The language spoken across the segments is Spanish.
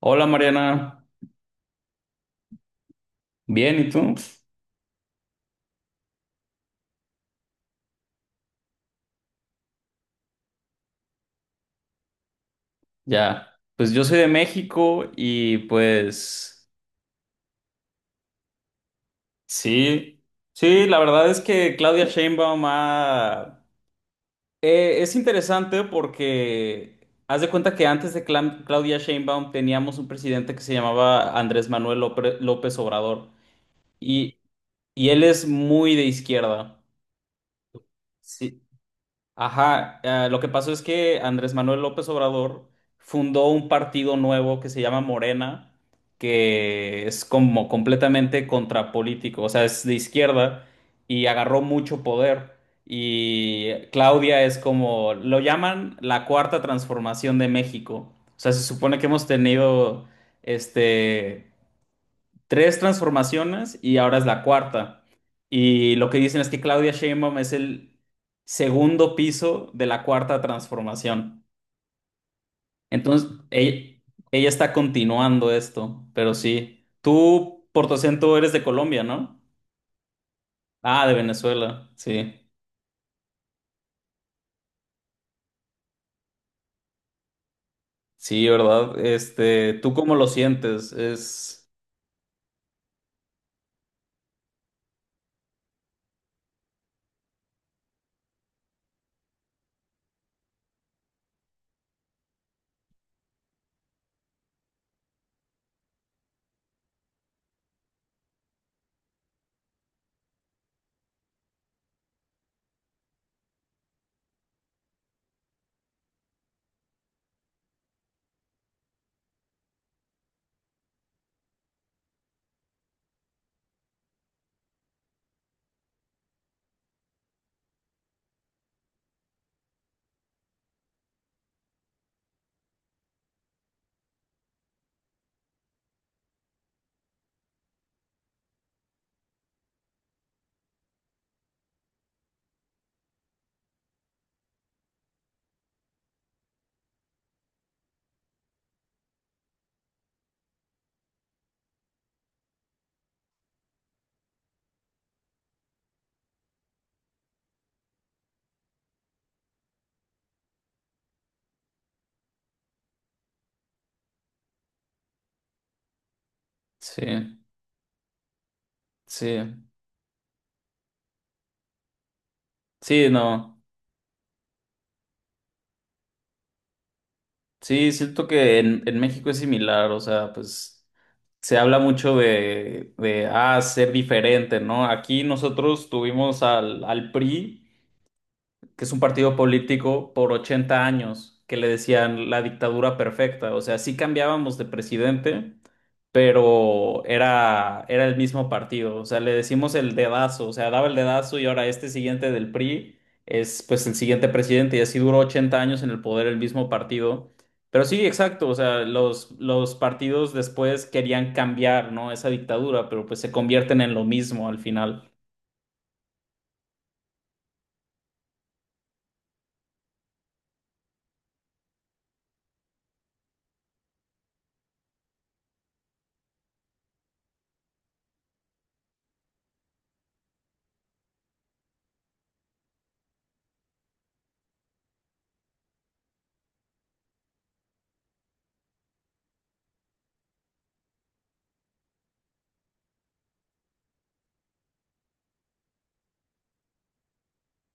Hola Mariana, bien, ¿y tú? Ya, pues yo soy de México y pues sí, sí, la verdad es que es interesante porque haz de cuenta que antes de Claudia Sheinbaum teníamos un presidente que se llamaba Andrés Manuel López Obrador y, y él es muy de izquierda. Sí, ajá, lo que pasó es que Andrés Manuel López Obrador fundó un partido nuevo que se llama Morena, que es como completamente contrapolítico, o sea, es de izquierda y agarró mucho poder. Y Claudia es como, lo llaman la cuarta transformación de México. O sea, se supone que hemos tenido este tres transformaciones y ahora es la cuarta. Y lo que dicen es que Claudia Sheinbaum es el segundo piso de la cuarta transformación. Entonces, ella está continuando esto, pero sí. Tú, por tu acento, eres de Colombia, ¿no? Ah, de Venezuela, sí. Sí, ¿verdad? Este, ¿tú cómo lo sientes? Es... Sí, sí. Sí, no. Sí, siento que en México es similar, o sea, pues se habla mucho ah, ser diferente, ¿no? Aquí nosotros tuvimos al PRI que es un partido político por 80 años, que le decían la dictadura perfecta. O sea, sí cambiábamos de presidente, pero era el mismo partido. O sea, le decimos el dedazo, o sea, daba el dedazo y ahora este siguiente del PRI es pues el siguiente presidente y así duró 80 años en el poder el mismo partido. Pero sí, exacto, o sea, los partidos después querían cambiar, ¿no? Esa dictadura, pero pues se convierten en lo mismo al final.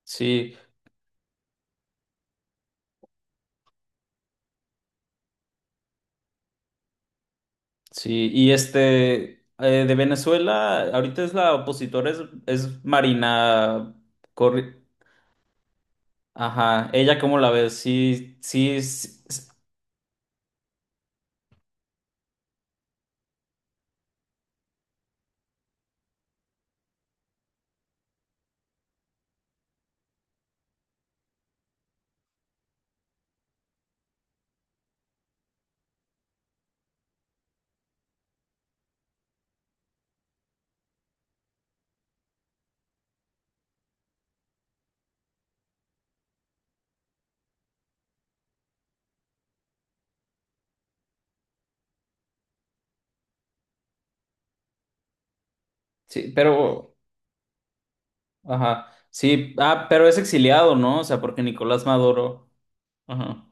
Sí. Sí, y este, de Venezuela, ahorita es la opositora, es Marina Corri... Ajá, ella cómo la ves, sí, pero, ajá, sí, ah, pero es exiliado, ¿no? O sea, porque Nicolás Maduro, ajá,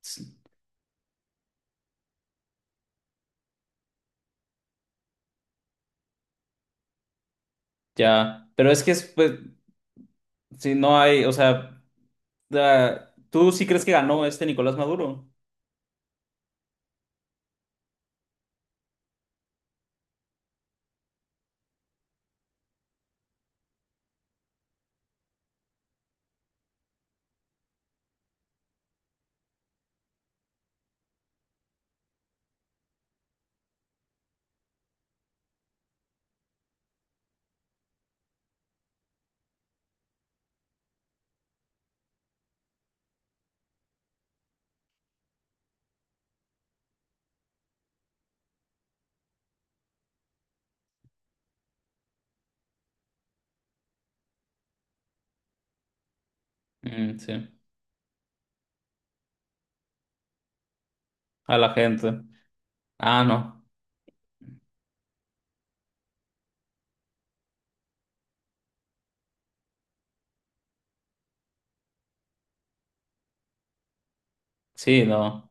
sí, ya, pero es que es, pues, si no hay, o sea, ¿tú sí crees que ganó este Nicolás Maduro? Mm, sí, a la gente. Ah, no, sí, no.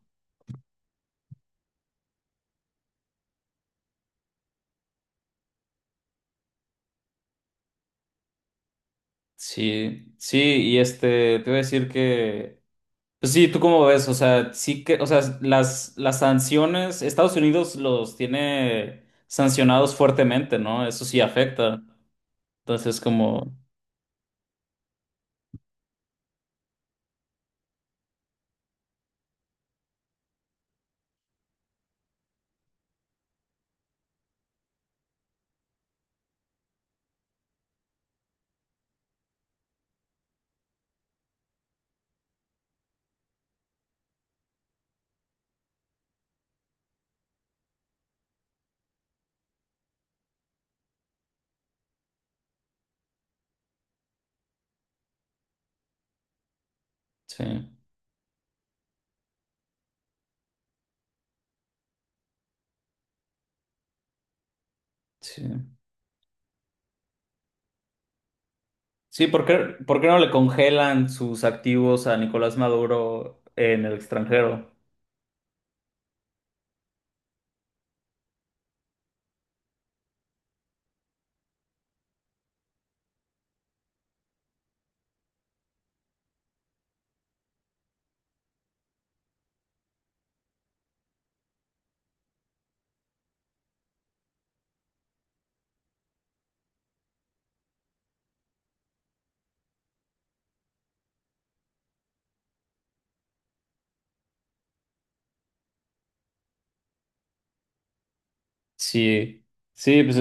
Sí, sí, y este, te voy a decir que, pues sí, ¿tú cómo ves? O sea, sí que, o sea, las sanciones, Estados Unidos los tiene sancionados fuertemente, ¿no? Eso sí afecta. Entonces, como, sí, sí. Sí, por qué no le congelan sus activos a Nicolás Maduro en el extranjero? Sí, sí, pues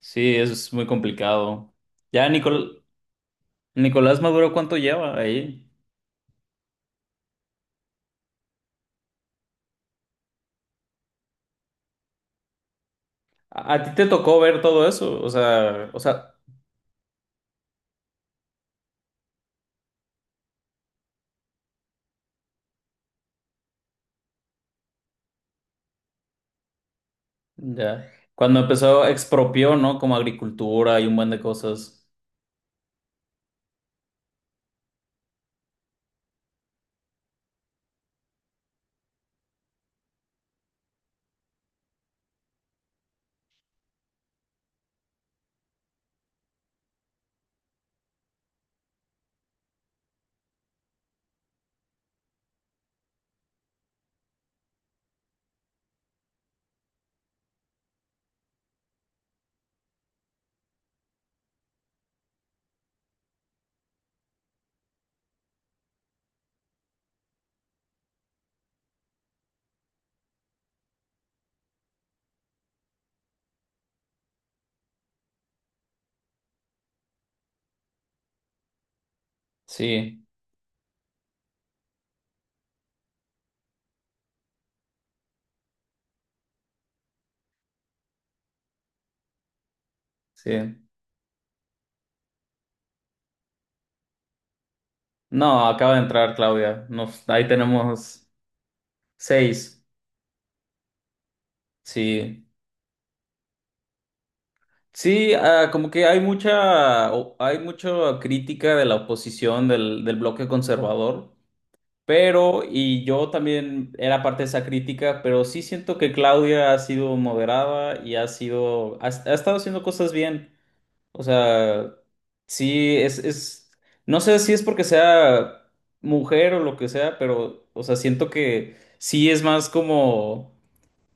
sí, eso es muy complicado. Ya, Nicolás Maduro, ¿cuánto lleva ahí? ¿A ti te tocó ver todo eso? O sea, ya. Cuando empezó expropió, ¿no? Como agricultura y un buen de cosas. Sí, sí. No, acaba de entrar Claudia. Nos, ahí tenemos 6. Sí. Sí, ah, como que hay mucha, hay mucha crítica de la oposición del bloque conservador, pero, y yo también era parte de esa crítica, pero sí siento que Claudia ha sido moderada y ha sido, ha estado haciendo cosas bien. O sea, sí, es, no sé si es porque sea mujer o lo que sea, pero, o sea, siento que sí es más como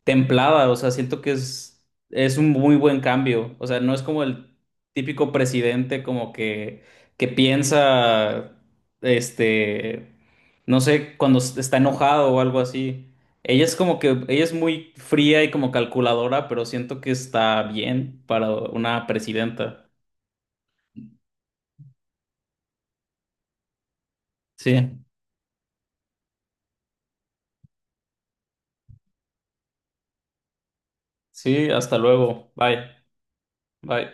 templada, o sea, siento que es un muy buen cambio, o sea, no es como el típico presidente como que piensa, este, no sé, cuando está enojado o algo así. Ella es como que, ella es muy fría y como calculadora, pero siento que está bien para una presidenta. Sí, sí, hasta luego. Bye, bye.